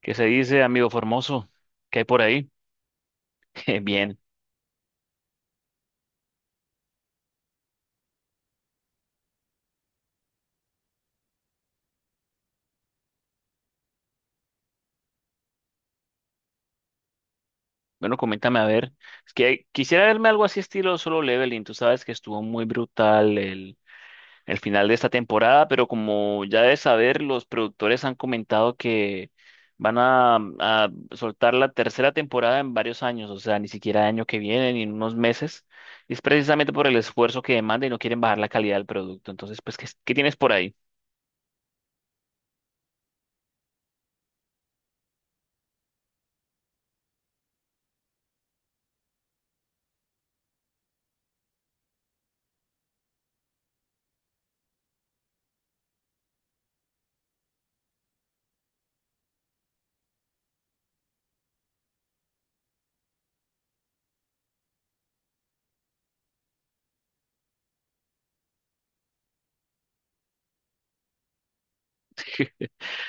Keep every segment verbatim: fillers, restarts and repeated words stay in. ¿Qué se dice, amigo Formoso? ¿Qué hay por ahí? Bien. Bueno, coméntame a ver. Es que quisiera verme algo así estilo Solo Leveling. Tú sabes que estuvo muy brutal el, el final de esta temporada, pero como ya debes saber, los productores han comentado que van a, a soltar la tercera temporada en varios años, o sea, ni siquiera año que viene, ni en unos meses. Y es precisamente por el esfuerzo que demanda y no quieren bajar la calidad del producto. Entonces, pues, ¿qué, qué tienes por ahí?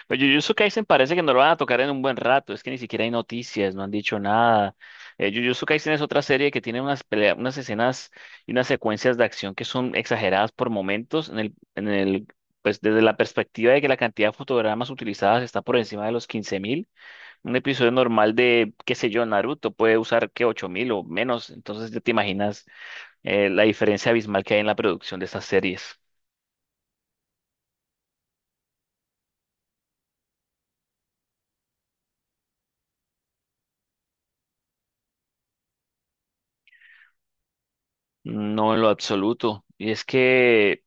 Pues Jujutsu Kaisen parece que no lo van a tocar en un buen rato, es que ni siquiera hay noticias, no han dicho nada. Eh, Jujutsu Kaisen es otra serie que tiene unas peleas, unas escenas y unas secuencias de acción que son exageradas por momentos en el, en el, pues desde la perspectiva de que la cantidad de fotogramas utilizadas está por encima de los quince mil. Un episodio normal de, qué sé yo, Naruto puede usar que ocho mil o menos, entonces ya te imaginas eh, la diferencia abismal que hay en la producción de estas series. No, en lo absoluto. Y es que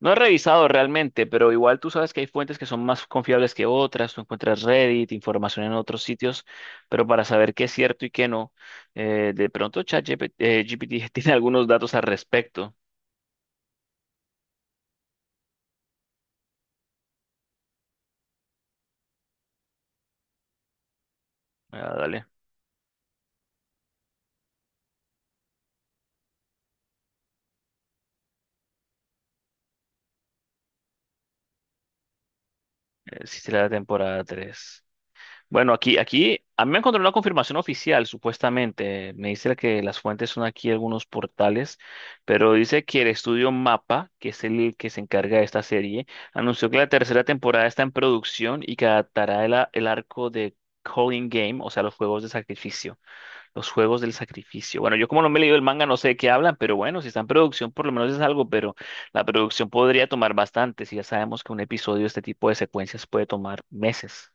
no he revisado realmente, pero igual tú sabes que hay fuentes que son más confiables que otras, tú encuentras Reddit, información en otros sitios, pero para saber qué es cierto y qué no, eh, de pronto ChatGPT eh, G P T tiene algunos datos al respecto. Ah, dale, eh, si será la temporada tres. Bueno, aquí, aquí, a mí me encontró una confirmación oficial, supuestamente. Me dice que las fuentes son aquí algunos portales, pero dice que el estudio MAPA, que es el que se encarga de esta serie, anunció que la tercera temporada está en producción y que adaptará el, a- el arco de Calling Game, o sea, los juegos de sacrificio, los juegos del sacrificio. Bueno, yo como no me he leído el manga, no sé de qué hablan, pero bueno, si está en producción, por lo menos es algo, pero la producción podría tomar bastante, si ya sabemos que un episodio de este tipo de secuencias puede tomar meses.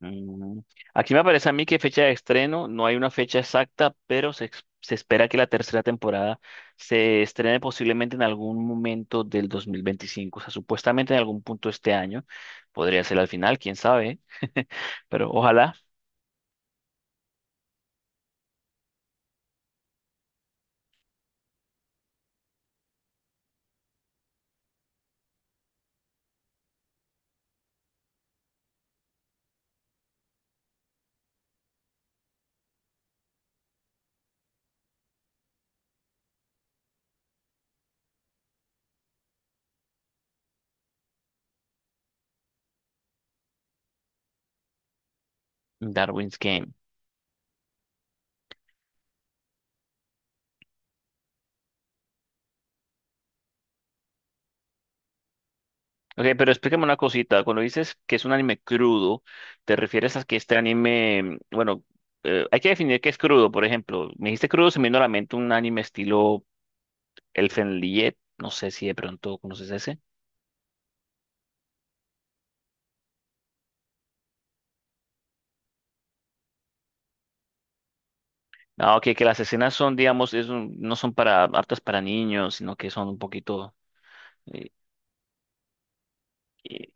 Mm. Aquí me parece a mí que fecha de estreno, no hay una fecha exacta, pero se, ex- se espera que la tercera temporada se estrene posiblemente en algún momento del dos mil veinticinco, o sea, supuestamente en algún punto este año, podría ser al final, quién sabe, pero ojalá. Darwin's Game. Ok, pero explícame una cosita, cuando dices que es un anime crudo, ¿te refieres a que este anime, bueno, eh, hay que definir qué es crudo? Por ejemplo, me dijiste crudo, se me vino a la mente un anime estilo Elfenlied, no sé si de pronto conoces ese. No, que, que las escenas son, digamos, es un- no son para aptas para niños, sino que son un poquito eh, eh,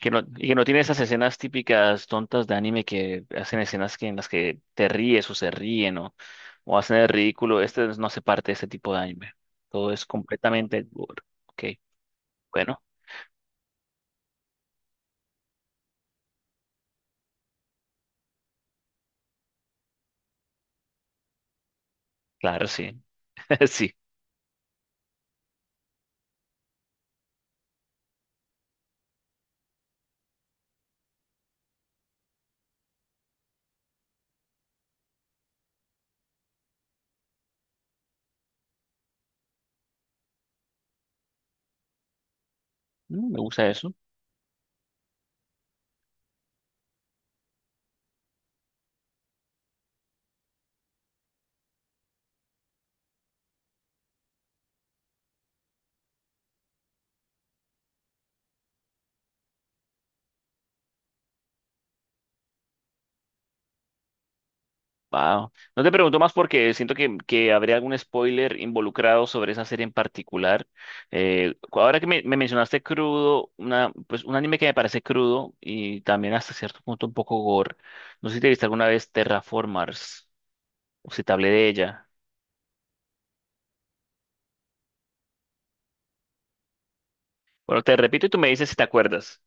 que no, y que no tiene esas escenas típicas tontas de anime que hacen escenas que en las que te ríes o se ríen o, o hacen el ridículo. Este no hace parte de este tipo de anime. Todo es completamente gore. Ok, bueno, claro, sí, sí. Mm, me gusta eso. Wow. No te pregunto más porque siento que, que habría algún spoiler involucrado sobre esa serie en particular. Eh, ahora que me, me mencionaste crudo, una, pues un anime que me parece crudo y también hasta cierto punto un poco gore. No sé si te viste alguna vez Terraformars o si te hablé de ella. Bueno, te repito y tú me dices si te acuerdas.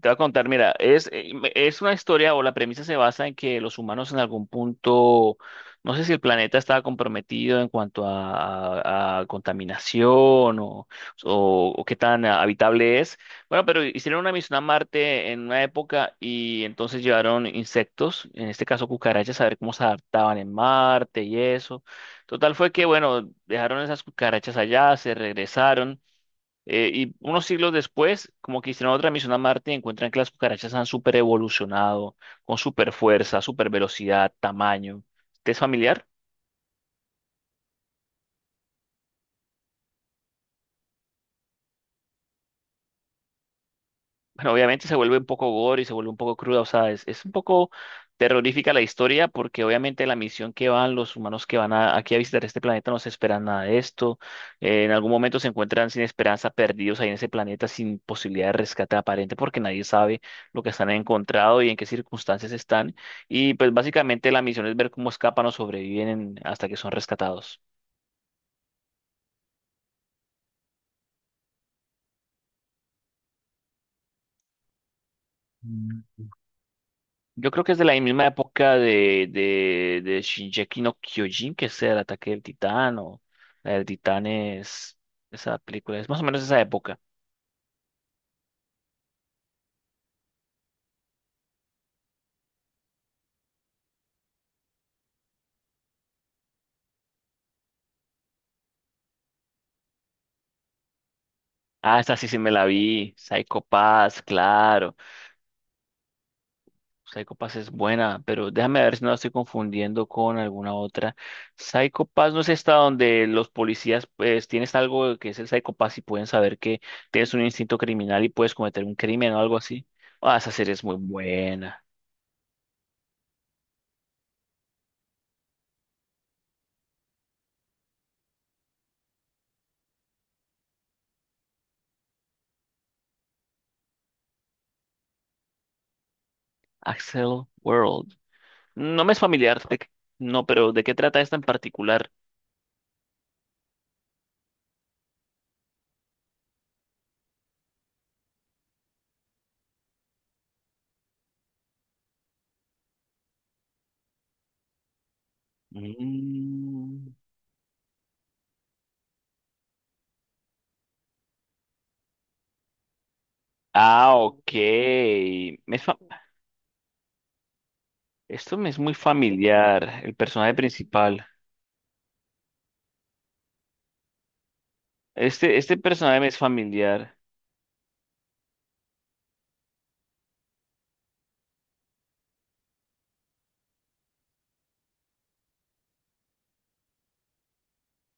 Te voy a contar, mira, es, eh, es una historia o la premisa se basa en que los humanos en algún punto, no sé si el planeta estaba comprometido en cuanto a, a- a contaminación o, o- o qué tan habitable es. Bueno, pero hicieron una misión a Marte en una época y entonces llevaron insectos, en este caso cucarachas, a ver cómo se adaptaban en Marte y eso. Total fue que, bueno, dejaron esas cucarachas allá, se regresaron. Eh, y unos siglos después, como que hicieron otra misión a Marte y encuentran que las cucarachas han super evolucionado, con super fuerza, super velocidad, tamaño. ¿Te es familiar? Bueno, obviamente se vuelve un poco gore y se vuelve un poco cruda, o sea, es, es un poco terrorífica la historia porque obviamente la misión que van los humanos que van a, aquí a visitar este planeta no se esperan nada de esto, eh, en algún momento se encuentran sin esperanza, perdidos ahí en ese planeta sin posibilidad de rescate aparente porque nadie sabe lo que están encontrado y en qué circunstancias están y pues básicamente la misión es ver cómo escapan o sobreviven en- hasta que son rescatados. Yo creo que es de la misma época de, de, de Shingeki no Kyojin, que es el ataque del titán o la del titán es esa película, es más o menos esa época. Ah, esta sí sí me la vi, Psycho Pass, claro. Psycho Pass es buena, pero déjame ver si no la estoy confundiendo con alguna otra. Psycho Pass no es esta donde los policías pues tienes algo que es el Psycho Pass y pueden saber que tienes un instinto criminal y puedes cometer un crimen o algo así. Ah, esa serie es muy buena. Axel World. No me es familiar, de qué- no, pero ¿de qué trata esta en particular? Mm. Ah, ok. Me es fa- Esto me es muy familiar, el personaje principal. Este, este personaje me es familiar.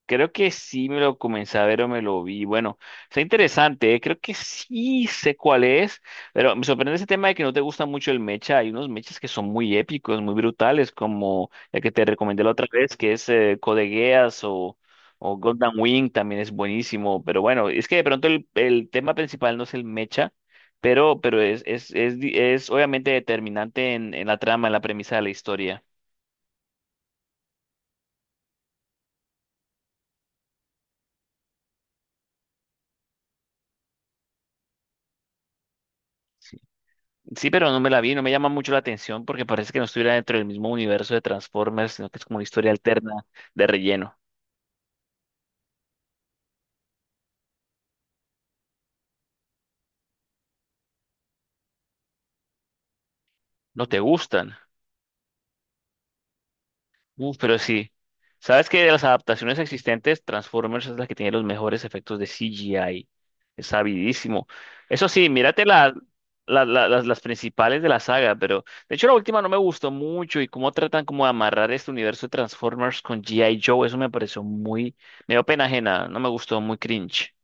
Creo que sí me lo comencé a ver o me lo vi. Bueno, está interesante, ¿eh? Creo que sí sé cuál es, pero me sorprende ese tema de que no te gusta mucho el mecha. Hay unos mechas que son muy épicos, muy brutales, como el que te recomendé la otra vez, que es eh, Code Geass o, o Gundam Wing, también es buenísimo. Pero bueno, es que de pronto el, el tema principal no es el mecha, pero, pero es, es, es, di- es obviamente determinante en, en la trama, en la premisa de la historia. Sí, pero no me la vi, no me llama mucho la atención porque parece que no estuviera dentro del mismo universo de Transformers, sino que es como una historia alterna de relleno. No te gustan. Uf, pero sí. ¿Sabes que de las adaptaciones existentes, Transformers es la que tiene los mejores efectos de C G I? Es sabidísimo. Eso sí, mírate la- la- la- las, las principales de la saga, pero de hecho la última no me gustó mucho y cómo tratan como de amarrar este universo de Transformers con G I. Joe, eso me pareció muy, me dio pena ajena, no me gustó, muy cringe.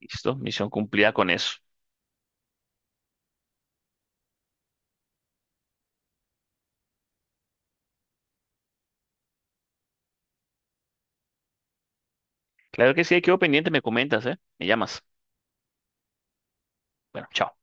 Listo, misión cumplida con eso. Claro que sí, quedo pendiente, me comentas, ¿eh? Me llamas. Bueno, chao.